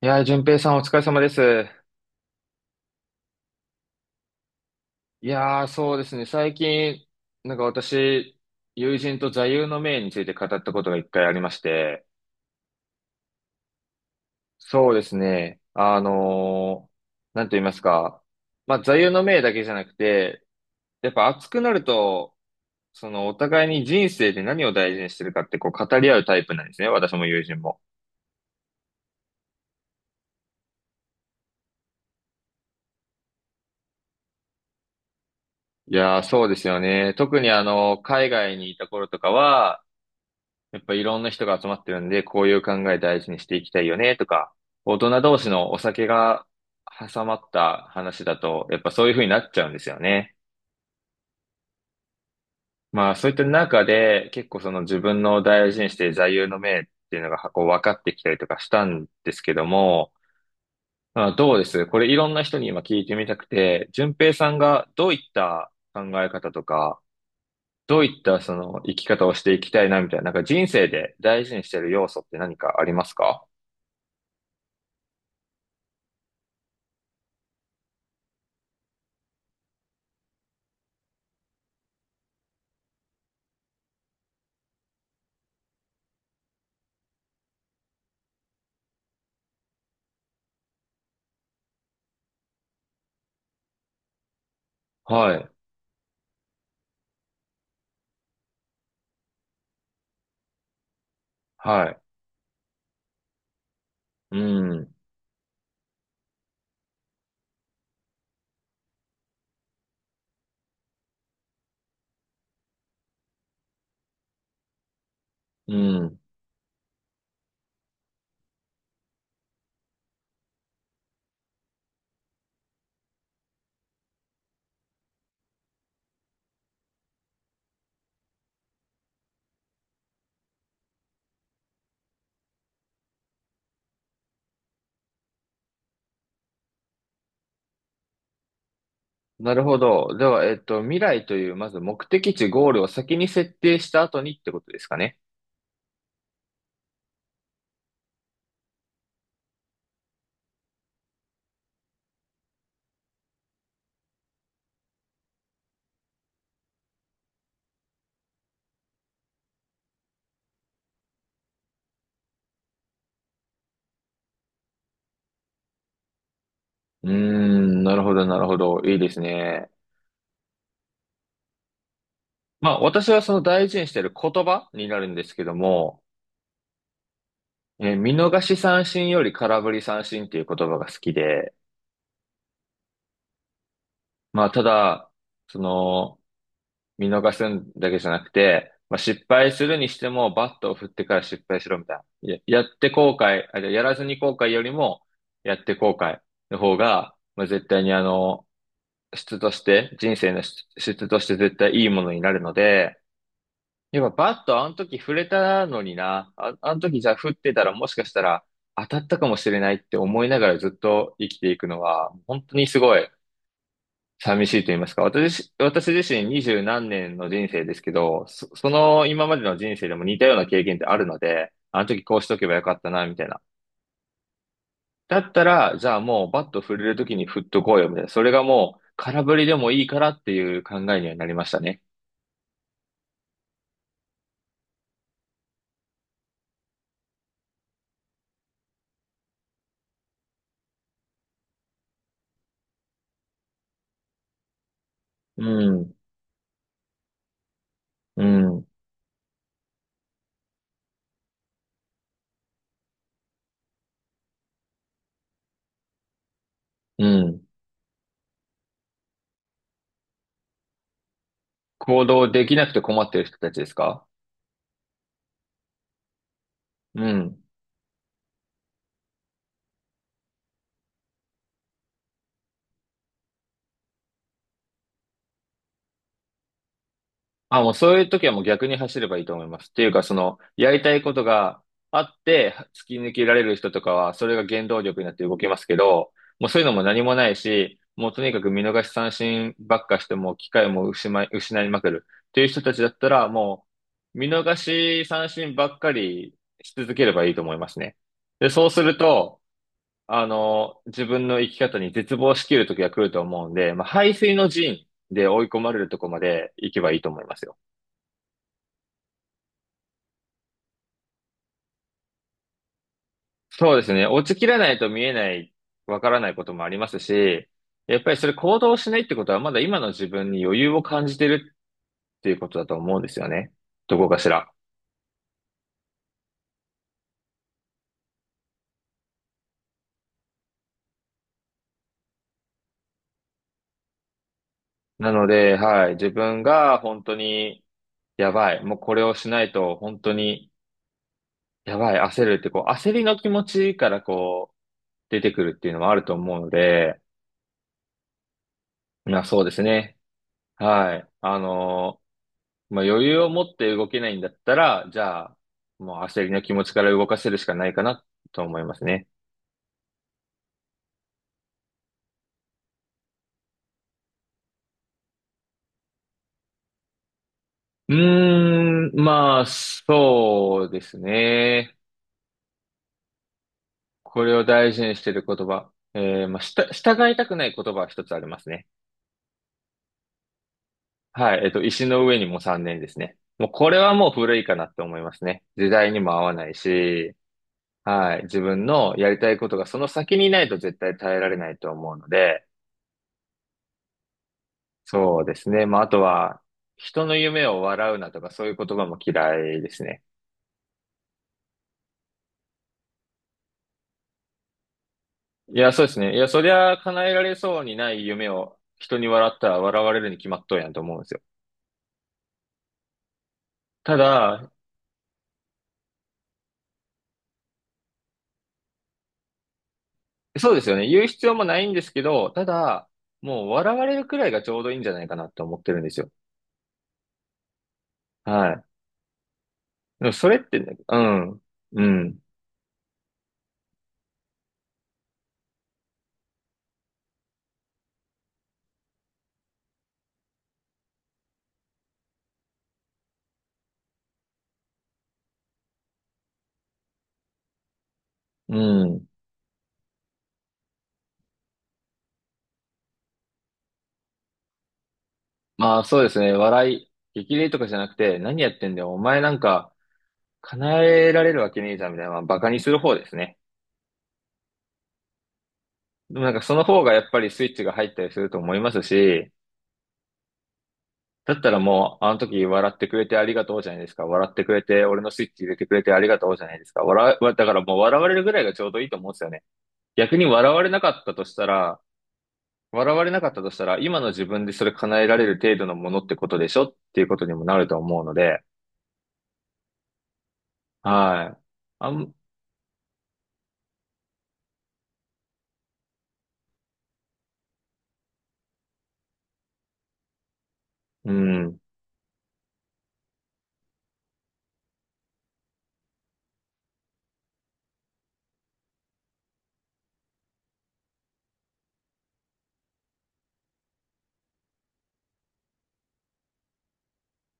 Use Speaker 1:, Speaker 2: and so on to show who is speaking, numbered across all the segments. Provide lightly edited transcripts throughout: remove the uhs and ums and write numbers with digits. Speaker 1: いやー、淳平さんお疲れ様です。いやー、そうですね。最近、私、友人と座右の銘について語ったことが一回ありまして、そうですね。なんと言いますか。まあ、座右の銘だけじゃなくて、やっぱ熱くなると、そのお互いに人生で何を大事にしてるかってこう語り合うタイプなんですね。私も友人も。いやー、そうですよね。特にあの、海外にいた頃とかは、やっぱいろんな人が集まってるんで、こういう考え大事にしていきたいよねとか、大人同士のお酒が挟まった話だと、やっぱそういう風になっちゃうんですよね。まあそういった中で、結構その自分の大事にしている座右の銘っていうのがこう分かってきたりとかしたんですけども、まあ、どうですこれいろんな人に今聞いてみたくて、順平さんがどういった考え方とか、どういったその生き方をしていきたいなみたいな、なんか人生で大事にしている要素って何かありますか？はい。はい。うん。うん。なるほど。では、未来という、まず目的地、ゴールを先に設定した後にってことですかね。うーん。なるほど、なるほど。いいですね。まあ、私はその大事にしている言葉になるんですけども、見逃し三振より空振り三振っていう言葉が好きで、まあ、ただ、その、見逃すんだけじゃなくて、まあ、失敗するにしても、バットを振ってから失敗しろみたいな。やって後悔、じゃやらずに後悔よりも、やって後悔の方が、まあ、絶対にあの、質として、人生の質として絶対いいものになるので、やっぱバットあの時触れたのにな、あ、あの時じゃあ振ってたらもしかしたら当たったかもしれないって思いながらずっと生きていくのは、本当にすごい寂しいと言いますか。私自身二十何年の人生ですけど、その今までの人生でも似たような経験ってあるので、あの時こうしとけばよかったな、みたいな。だったら、じゃあもうバット振れる時に振っとこうよ、みたいな。それがもう空振りでもいいからっていう考えにはなりましたね。うん、うん、うん。行動できなくて困ってる人たちですか？うん。あ、もうそういう時はもう逆に走ればいいと思います。っていうか、その、やりたいことがあって、突き抜けられる人とかは、それが原動力になって動きますけど、もうそういうのも何もないし、もうとにかく見逃し三振ばっかしても、機会も失い、失いまくる。っていう人たちだったら、もう、見逃し三振ばっかりし続ければいいと思いますね。で、そうすると、あの、自分の生き方に絶望しきる時が来ると思うんで、まあ、背水の陣で追い込まれるとこまで行けばいいと思いますよ。そうですね。落ちきらないと見えない、わからないこともありますし、やっぱりそれ行動しないってことは、まだ今の自分に余裕を感じてるっていうことだと思うんですよね。どこかしら。なので、はい。自分が本当に、やばい。もうこれをしないと、本当に、やばい。焦るって、こう、焦りの気持ちからこう、出てくるっていうのはあると思うので、まあそうですね。はい。あのまあ余裕を持って動けないんだったら、じゃあ、もう焦りの気持ちから動かせるしかないかなと思いますね。うーん、まあ、そうですね。これを大事にしてる言葉。まあ、従いたくない言葉は一つありますね。はい。石の上にも3年ですね。もうこれはもう古いかなって思いますね。時代にも合わないし、はい。自分のやりたいことがその先にないと絶対耐えられないと思うので、そうですね。まあ、あとは、人の夢を笑うなとか、そういう言葉も嫌いですね。いや、そうですね。いや、そりゃ叶えられそうにない夢を人に笑ったら笑われるに決まっとんやんと思うんですよ。ただ、そうですよね。言う必要もないんですけど、ただ、もう笑われるくらいがちょうどいいんじゃないかなって思ってるんですよ。はい。でもそれってね、うん、うん、うん。まあ、そうですね。笑い、激励とかじゃなくて、何やってんだよ。お前なんか、叶えられるわけねえじゃん、みたいな、まあ、バカにする方ですね。でもなんかその方がやっぱりスイッチが入ったりすると思いますし、だったらもう、あの時笑ってくれてありがとうじゃないですか。笑ってくれて、俺のスイッチ入れてくれてありがとうじゃないですか。笑う、だからもう笑われるぐらいがちょうどいいと思うんですよね。逆に笑われなかったとしたら、笑われなかったとしたら、今の自分でそれ叶えられる程度のものってことでしょっていうことにもなると思うので、はい。あん、うん。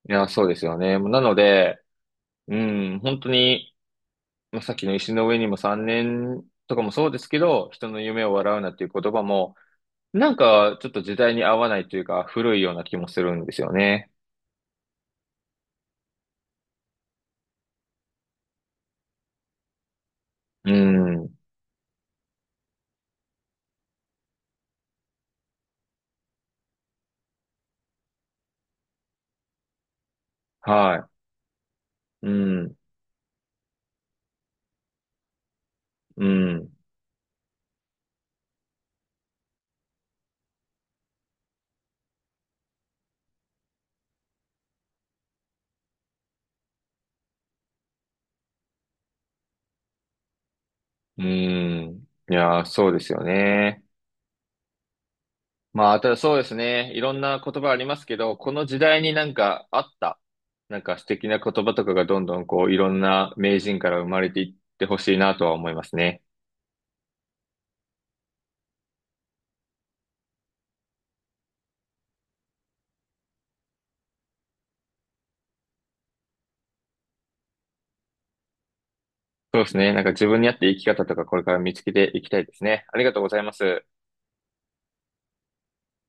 Speaker 1: いや、そうですよね。なので、うん、本当に、まあ、さっきの石の上にも3年とかもそうですけど、人の夢を笑うなっていう言葉も、なんかちょっと時代に合わないというか、古いような気もするんですよね。うん。はい。うん。うん。うん。いやー、そうですよね。まあ、ただそうですね。いろんな言葉ありますけど、この時代になんかあった、なんか素敵な言葉とかがどんどんこう、いろんな名人から生まれていってほしいなとは思いますね。そうですね。なんか自分に合った生き方とかこれから見つけていきたいですね。ありがとうございます。